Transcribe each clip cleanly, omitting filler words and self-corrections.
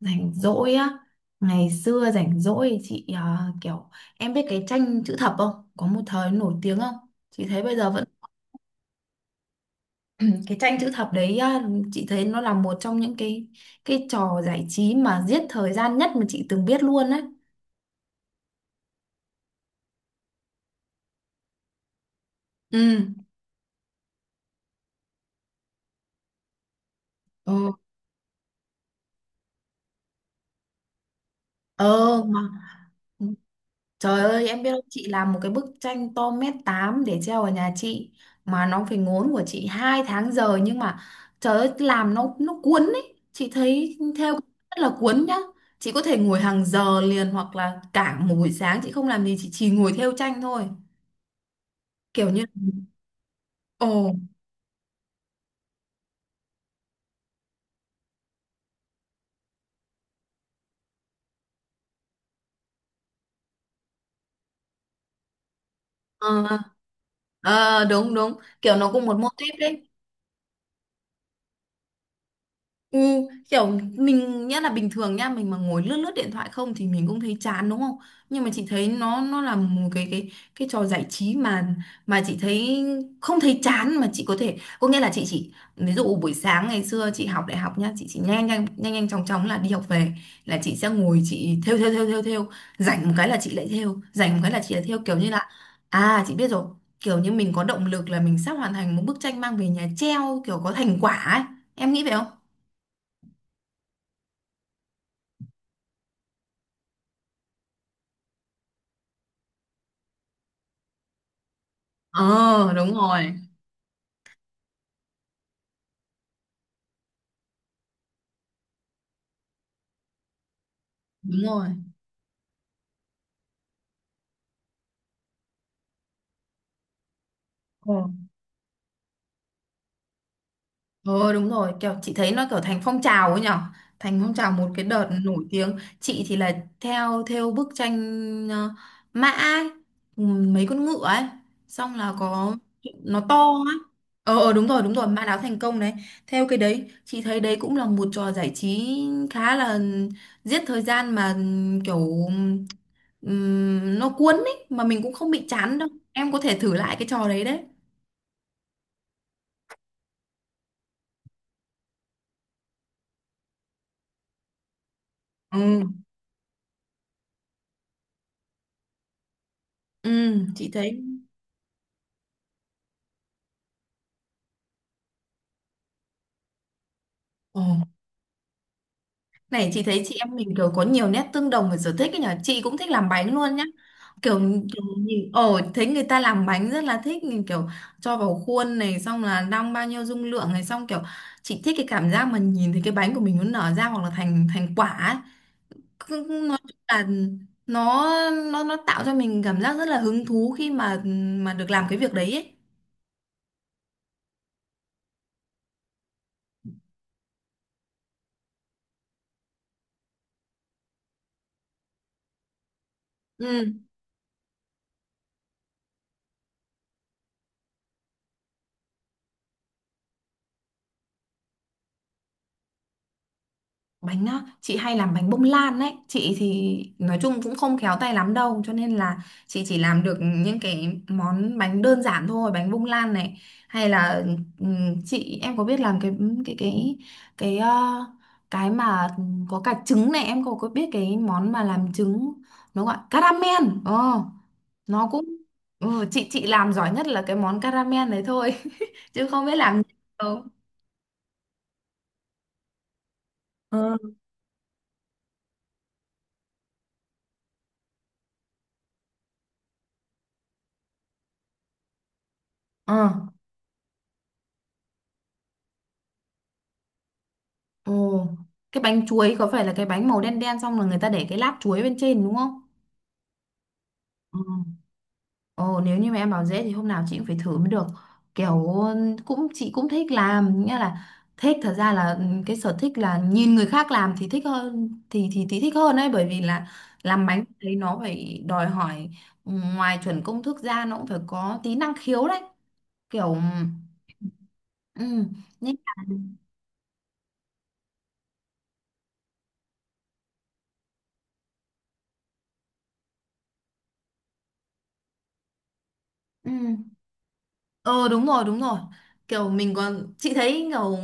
Rảnh rỗi á? Ngày xưa rảnh rỗi chị à, kiểu em biết cái tranh chữ thập không? Có một thời nổi tiếng không? Chị thấy bây giờ vẫn. Cái tranh chữ thập đấy à, chị thấy nó là một trong những cái trò giải trí mà giết thời gian nhất mà chị từng biết luôn đấy. Ừ. ờ ờ mà trời ơi, em biết không, chị làm một cái bức tranh to mét 8 để treo ở nhà chị mà nó phải ngốn của chị 2 tháng giờ, nhưng mà trời ơi, làm nó cuốn ấy. Chị thấy theo rất là cuốn nhá. Chị có thể ngồi hàng giờ liền hoặc là cả một buổi sáng chị không làm gì, chị chỉ ngồi theo tranh thôi. Kiểu như ồ. Ờ ờ, đúng đúng, kiểu nó cũng một mô típ đấy. Ừ, kiểu mình nhá, là bình thường nhá, mình mà ngồi lướt lướt điện thoại không thì mình cũng thấy chán đúng không, nhưng mà chị thấy nó là một cái cái trò giải trí mà chị thấy không thấy chán, mà chị có thể, có nghĩa là chị chỉ, ví dụ buổi sáng ngày xưa chị học đại học nhá, chị chỉ nhanh nhanh nhanh nhanh chóng chóng là đi học về là chị sẽ ngồi chị thêu thêu thêu thêu thêu, rảnh một cái là chị lại thêu, rảnh một cái là chị lại thêu, kiểu như là à chị biết rồi, kiểu như mình có động lực là mình sắp hoàn thành một bức tranh mang về nhà treo, kiểu có thành quả ấy. Em nghĩ vậy không? Ờ đúng rồi, đúng rồi. Ừ. Ờ đúng rồi, kiểu chị thấy nó kiểu thành phong trào ấy nhở. Thành phong trào một cái đợt nổi tiếng. Chị thì là theo theo bức tranh ờ, mã ấy, mấy con ngựa ấy. Xong là có nó to á. Ờ ờ, đúng rồi, mã đáo thành công đấy. Theo cái đấy, chị thấy đấy cũng là một trò giải trí khá là giết thời gian mà kiểu, nó cuốn ấy, mà mình cũng không bị chán đâu. Em có thể thử lại cái trò đấy đấy. Ừ, ừ, chị thấy. Ồ, này chị thấy chị em mình kiểu có nhiều nét tương đồng về sở thích ấy nhỉ, chị cũng thích làm bánh luôn nhá. Kiểu, kiểu nhìn ồ thấy người ta làm bánh rất là thích, nhìn kiểu cho vào khuôn này xong là đong bao nhiêu dung lượng này, xong kiểu chị thích cái cảm giác mà nhìn thấy cái bánh của mình nó nở ra, hoặc là thành thành quả ấy. Cứ nói chung là nó nó tạo cho mình cảm giác rất là hứng thú khi mà được làm cái việc đấy ấy. Ừ. Bánh á, chị hay làm bánh bông lan đấy, chị thì nói chung cũng không khéo tay lắm đâu cho nên là chị chỉ làm được những cái món bánh đơn giản thôi, bánh bông lan này hay là chị, em có biết làm cái cái cái cái ờ, cái mà có cả trứng này, em có biết cái món mà làm trứng, nó gọi caramel nó cũng chị làm giỏi nhất là cái món caramel đấy thôi chứ không biết làm nhiều đâu. Ờ. Ờ. Ồ, cái bánh chuối có phải là cái bánh màu đen đen xong rồi người ta để cái lát chuối bên trên đúng không? Ừ. Ồ, nếu như mà em bảo dễ thì hôm nào chị cũng phải thử mới được. Kiểu cũng chị cũng thích làm, nghĩa là thích, thật ra là cái sở thích là nhìn người khác làm thì thích hơn, thì thích hơn ấy, bởi vì là làm bánh thấy nó phải đòi hỏi, ngoài chuẩn công thức ra nó cũng phải có tí năng khiếu đấy. Kiểu, ừ, nhưng mà- ừ. Ờ đúng rồi đúng rồi, kiểu mình còn chị thấy kiểu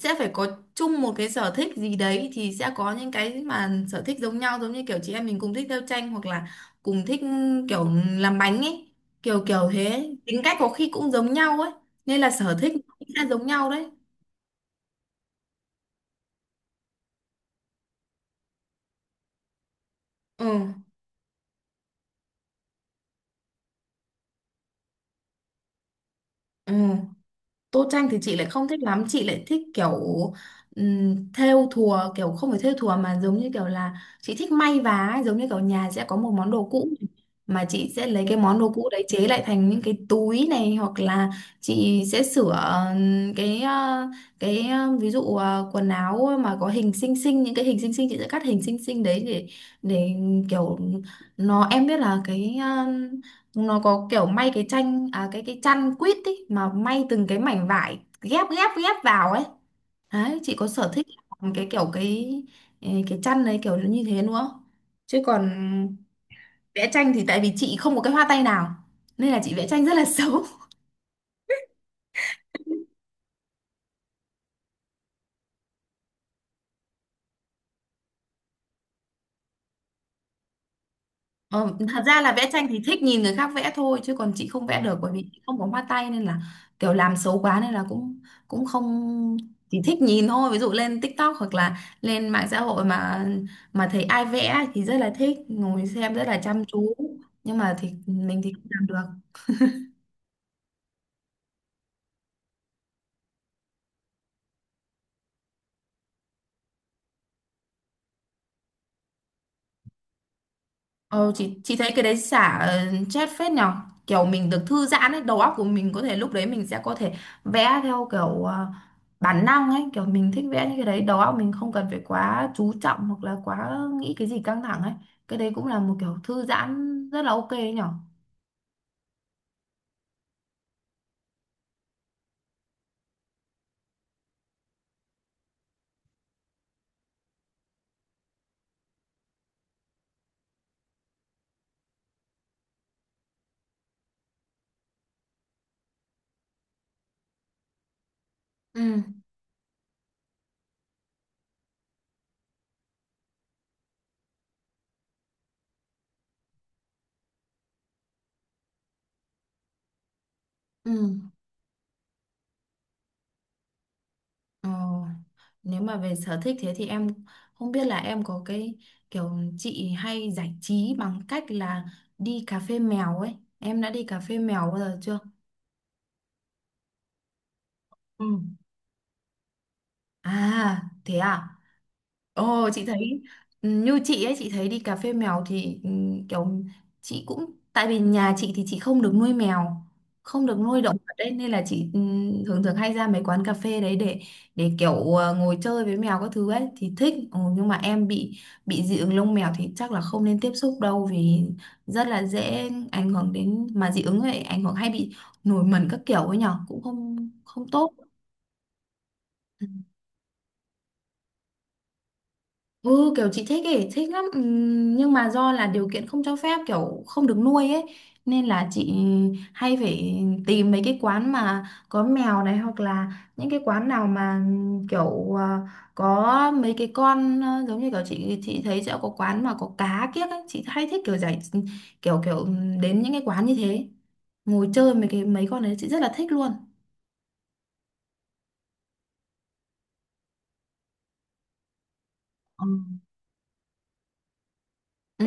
sẽ phải có chung một cái sở thích gì đấy thì sẽ có những cái mà sở thích giống nhau, giống như kiểu chị em mình cùng thích theo tranh hoặc là cùng thích kiểu làm bánh ấy, kiểu kiểu thế tính cách có khi cũng giống nhau ấy, nên là sở thích cũng sẽ giống nhau đấy. Ừ, ừ. Tô tranh thì chị lại không thích lắm, chị lại thích kiểu thêu thùa, kiểu không phải thêu thùa mà giống như kiểu là chị thích may vá ấy, giống như kiểu nhà sẽ có một món đồ cũ mà chị sẽ lấy cái món đồ cũ đấy chế lại thành những cái túi này, hoặc là chị sẽ sửa ừm, cái ờ, ví dụ quần áo mà có hình xinh xinh, những cái hình xinh xinh chị sẽ cắt hình xinh xinh đấy để để kiểu nó, em biết là cái nó có kiểu may cái tranh à, cái chăn quýt ý, mà may từng cái mảnh vải ghép ghép ghép vào ấy. Đấy, chị có sở thích làm cái kiểu cái cái chăn đấy kiểu như thế nữa, chứ còn vẽ tranh thì tại vì chị không có cái hoa tay nào nên là chị vẽ tranh rất là xấu. Ờ, thật ra là vẽ tranh thì thích nhìn người khác vẽ thôi, chứ còn chị không vẽ được bởi vì chị không có hoa tay nên là kiểu làm xấu quá nên là cũng cũng không, chỉ thích nhìn thôi. Ví dụ lên TikTok hoặc là lên mạng xã hội mà thấy ai vẽ thì rất là thích ngồi xem rất là chăm chú, nhưng mà thì mình thì không làm được. Ờ, chị thấy cái đấy xả chết phết nhở, kiểu mình được thư giãn ấy, đầu óc của mình có thể lúc đấy mình sẽ có thể vẽ theo kiểu bản năng ấy, kiểu mình thích vẽ như cái đấy, đầu óc mình không cần phải quá chú trọng hoặc là quá nghĩ cái gì căng thẳng ấy. Cái đấy cũng là một kiểu thư giãn rất là ok ấy nhở. Ừ, ừ. Ờ, nếu mà về sở thích thế thì em, không biết là em có cái kiểu chị hay giải trí bằng cách là đi cà phê mèo ấy, em đã đi cà phê mèo bao giờ chưa? Ừ. À, thế à? Ồ, chị thấy như chị ấy, chị thấy đi cà phê mèo thì kiểu chị cũng, tại vì nhà chị thì chị không được nuôi mèo, không được nuôi động vật đấy nên là chị thường thường hay ra mấy quán cà phê đấy để kiểu ngồi chơi với mèo các thứ ấy thì thích. Ồ, nhưng mà em bị dị ứng lông mèo thì chắc là không nên tiếp xúc đâu vì rất là dễ ảnh hưởng đến, mà dị ứng ấy ảnh hưởng hay bị nổi mẩn các kiểu ấy nhở, cũng không không tốt. Ừ kiểu chị thích ấy, thích lắm. Nhưng mà do là điều kiện không cho phép, kiểu không được nuôi ấy, nên là chị hay phải tìm mấy cái quán mà có mèo này, hoặc là những cái quán nào mà kiểu à, có mấy cái con à, giống như kiểu chị thấy sẽ có quán mà có cá kiếc ấy. Chị hay thích kiểu giải kiểu kiểu đến những cái quán như thế, ngồi chơi mấy cái mấy con đấy chị rất là thích luôn. Ừ. Ừ.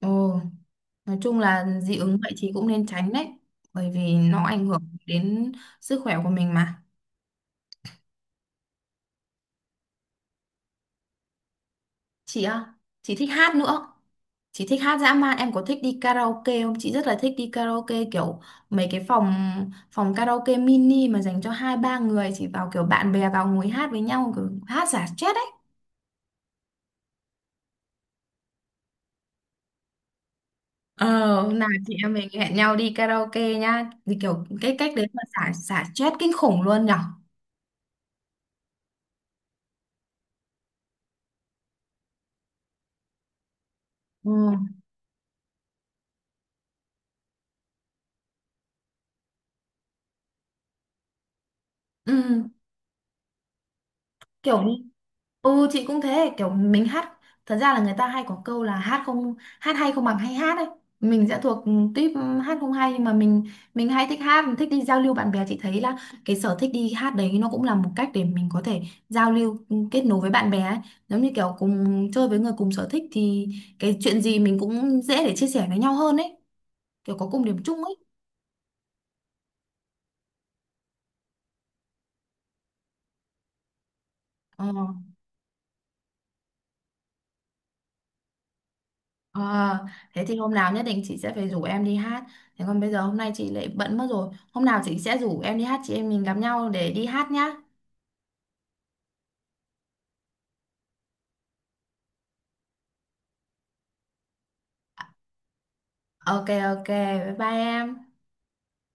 Ừ. Nói chung là dị ứng vậy thì cũng nên tránh đấy, bởi vì nó ảnh hưởng đến sức khỏe của mình mà. Chị á, chị thích hát nữa. Chị thích hát dã man, em có thích đi karaoke không? Chị rất là thích đi karaoke kiểu mấy cái phòng phòng karaoke mini mà dành cho hai ba người, chị vào kiểu bạn bè vào ngồi hát với nhau kiểu hát xả stress ấy. Ờ, hôm nào chị em mình hẹn nhau đi karaoke nhá. Thì kiểu cái cách đấy mà xả xả stress kinh khủng luôn nhở. Ừ. Ừ, kiểu như. Ừ chị cũng thế, kiểu mình hát, thật ra là người ta hay có câu là hát hay không bằng hay hát ấy, mình sẽ thuộc tuýp hát không hay, nhưng mà mình hay thích hát, thích đi giao lưu bạn bè, chị thấy là cái sở thích đi hát đấy nó cũng là một cách để mình có thể giao lưu kết nối với bạn bè ấy, giống như kiểu cùng chơi với người cùng sở thích thì cái chuyện gì mình cũng dễ để chia sẻ với nhau hơn ấy, kiểu có cùng điểm chung ấy. Ờ. Ờ, thế thì hôm nào nhất định chị sẽ phải rủ em đi hát. Thế còn bây giờ hôm nay chị lại bận mất rồi. Hôm nào chị sẽ rủ em đi hát, chị em mình gặp nhau để đi hát nhá. Ok ok, bye bye em.